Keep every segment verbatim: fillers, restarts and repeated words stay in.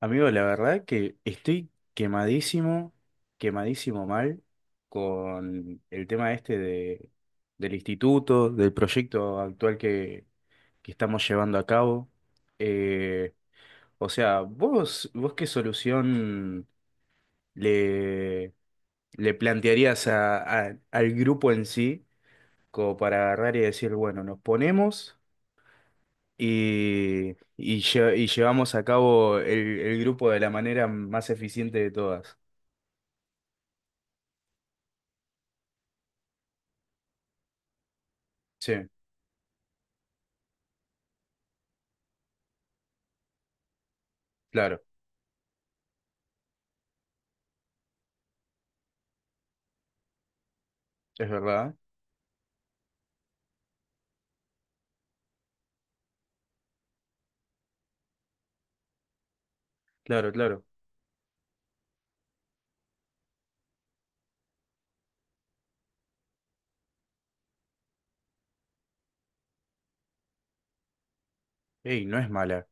Amigo, la verdad que estoy quemadísimo, quemadísimo mal con el tema este de, del instituto, del proyecto actual que, que estamos llevando a cabo. Eh, o sea, ¿vos, vos qué solución le, le plantearías a- a- al grupo en sí como para agarrar y decir, bueno, nos ponemos y, y, lle- y llevamos a cabo el el grupo de la manera más eficiente de todas? Sí, claro, es verdad. Claro, claro. Ey, no es mala.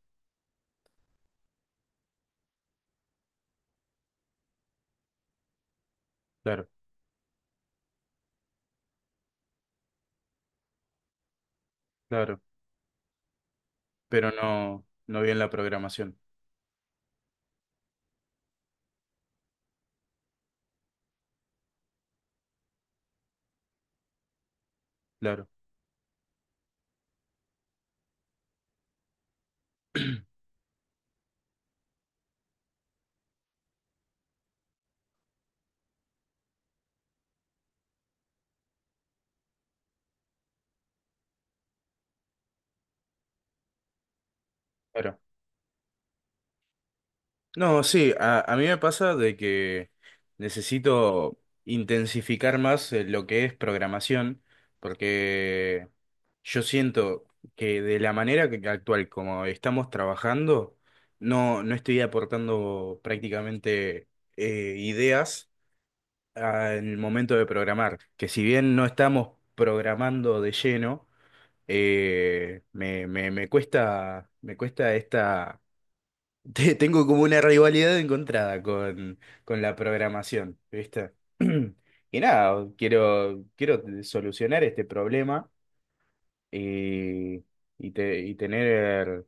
Claro, claro. Pero no, no bien la programación. Claro, claro. No, sí, a, a mí me pasa de que necesito intensificar más eh, lo que es programación, porque yo siento que de la manera que- actual como estamos trabajando, no, no estoy aportando prácticamente eh, ideas al momento de programar, que si bien no estamos programando de lleno, eh, me, me- me cuesta, me cuesta esta, te- tengo como una rivalidad encontrada con, con la programación, ¿viste? Y nada, quiero, quiero solucionar este problema y, y, te- y tener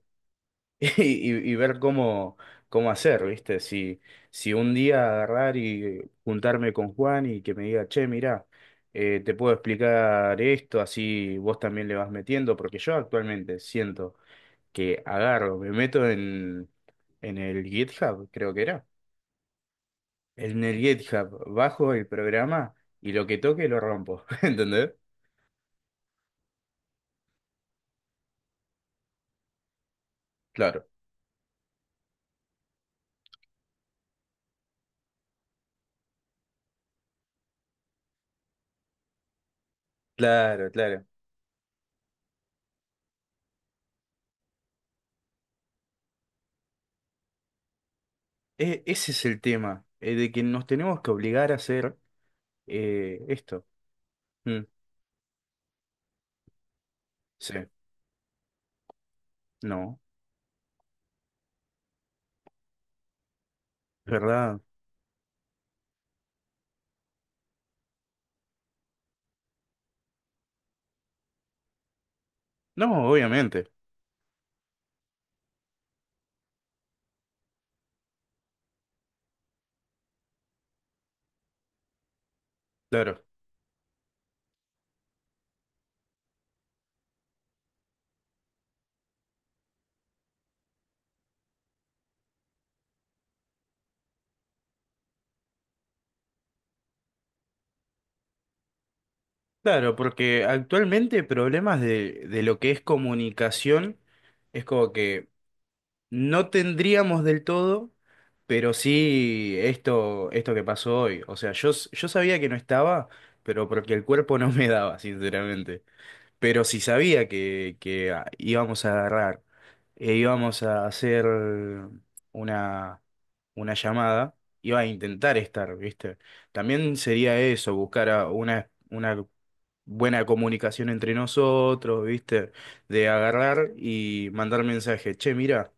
y, y ver cómo, cómo hacer, ¿viste? Si, si un día agarrar y juntarme con Juan y que me diga, che, mirá, eh, te puedo explicar esto, así vos también le vas metiendo, porque yo actualmente siento que agarro, me meto en, en el GitHub, creo que era. En el GitHub bajo el programa y lo que toque lo rompo, ¿entendés? Claro, claro, claro. E- ese es el tema, eh, de que nos tenemos que obligar a hacer eh, esto. Mm. Sí, no, ¿verdad? No, obviamente, claro. Claro, porque actualmente problemas de, de lo que es comunicación es como que no tendríamos del todo, pero sí esto, esto que pasó hoy. O sea, yo, s- yo sabía que no estaba, pero porque el cuerpo no me daba, sinceramente. Pero si sabía que, que ah, íbamos a agarrar, e íbamos a hacer una, una llamada, iba a intentar estar, ¿viste? También sería eso, buscar a una, una buena comunicación entre nosotros, ¿viste? De agarrar y mandar mensaje. Che, mira,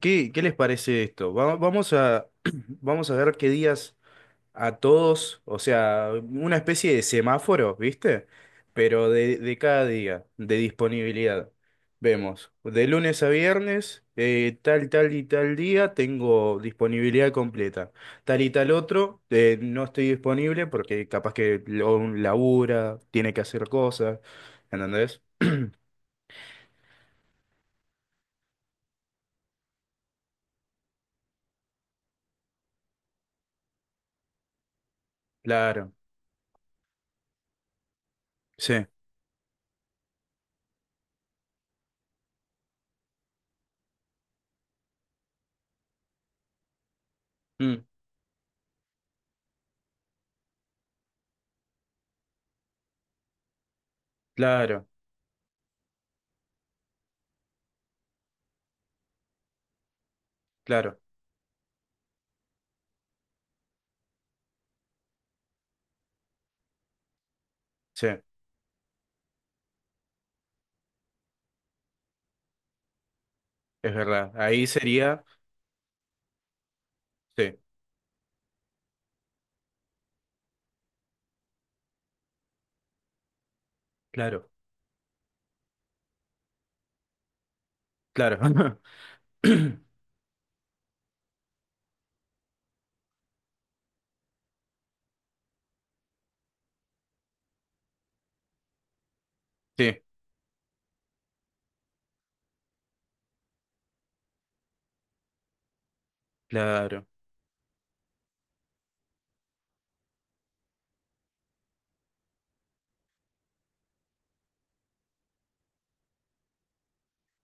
¿qué, qué les parece esto? Va- Vamos a, vamos a ver qué días a todos, o sea, una especie de semáforo, ¿viste? Pero de, de cada día, de disponibilidad. Vemos, de lunes a viernes, eh, tal, tal y tal día tengo disponibilidad completa. Tal y tal otro, eh, no estoy disponible porque capaz que lo- labura, tiene que hacer cosas, ¿entendés? Claro, sí, mm, claro, claro, sí, es verdad. Ahí sería, sí, claro, claro. Sí, claro.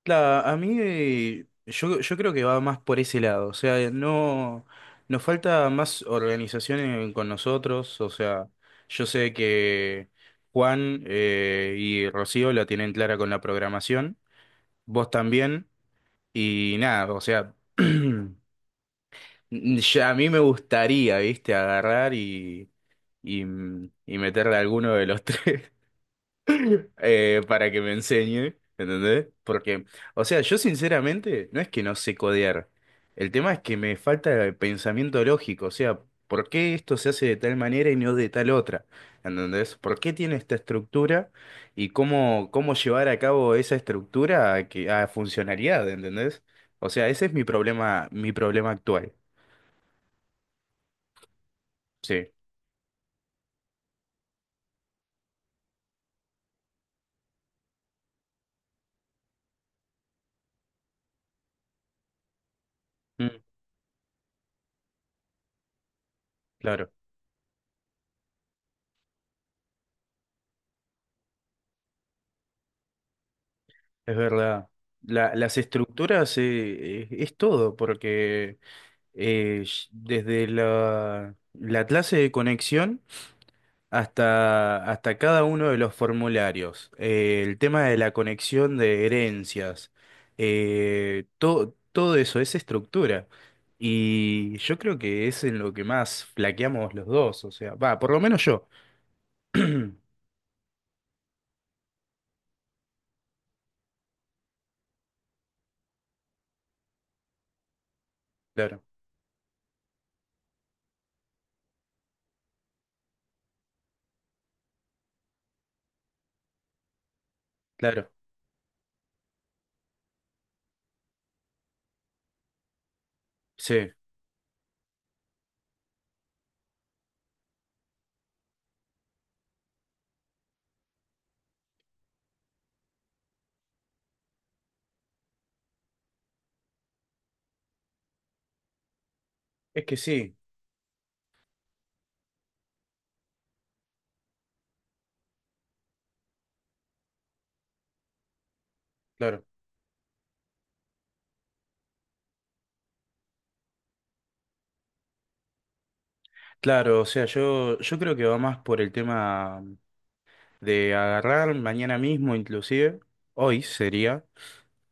Claro, a mí eh, yo, yo creo que va más por ese lado, o sea, eh, no nos falta más organización en- con nosotros, o sea, yo sé que Juan eh, y Rocío la tienen clara con la programación, vos también, y nada, o sea, ya a mí me gustaría, viste, agarrar y, y, y meterle a alguno de los tres. eh, para que me enseñe, ¿entendés? Porque, o sea, yo sinceramente no es que no sé codear. El tema es que me falta el pensamiento lógico, o sea, ¿por qué esto se hace de tal manera y no de tal otra? ¿Entendés? ¿Por qué tiene esta estructura y cómo, cómo llevar a cabo esa estructura a, que, a funcionalidad, ¿entendés? O sea, ese es mi problema, mi problema actual. Sí, mm, claro, es verdad. La- las estructuras eh, es es todo, porque... eh, sh- desde la, la clase de conexión hasta, hasta cada uno de los formularios, eh, el tema de la conexión de herencias, eh, to- todo eso es estructura. Y yo creo que es en lo que más flaqueamos los dos, o sea, va, por lo menos yo. Claro, claro, sí, es que sí, claro. Claro, o sea, yo, yo creo que va más por el tema de agarrar mañana mismo, inclusive, hoy sería,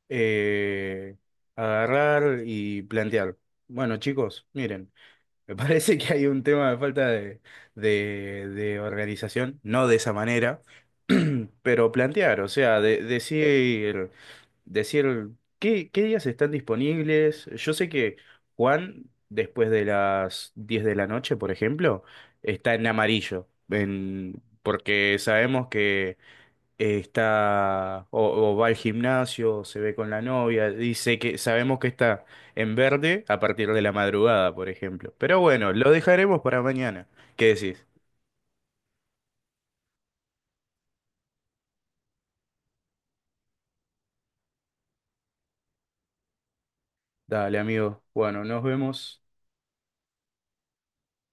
eh, agarrar y plantear. Bueno, chicos, miren, me parece que hay un tema de falta de, de, de organización, no de esa manera, pero plantear, o sea, de- decir, decir qué, qué días están disponibles. Yo sé que Juan, después de las diez de la noche, por ejemplo, está en amarillo, en, porque sabemos que eh, está o, o va al gimnasio, o se ve con la novia, dice que sabemos que está en verde a partir de la madrugada, por ejemplo. Pero bueno, lo dejaremos para mañana. ¿Qué decís? Dale, amigo. Bueno, nos vemos.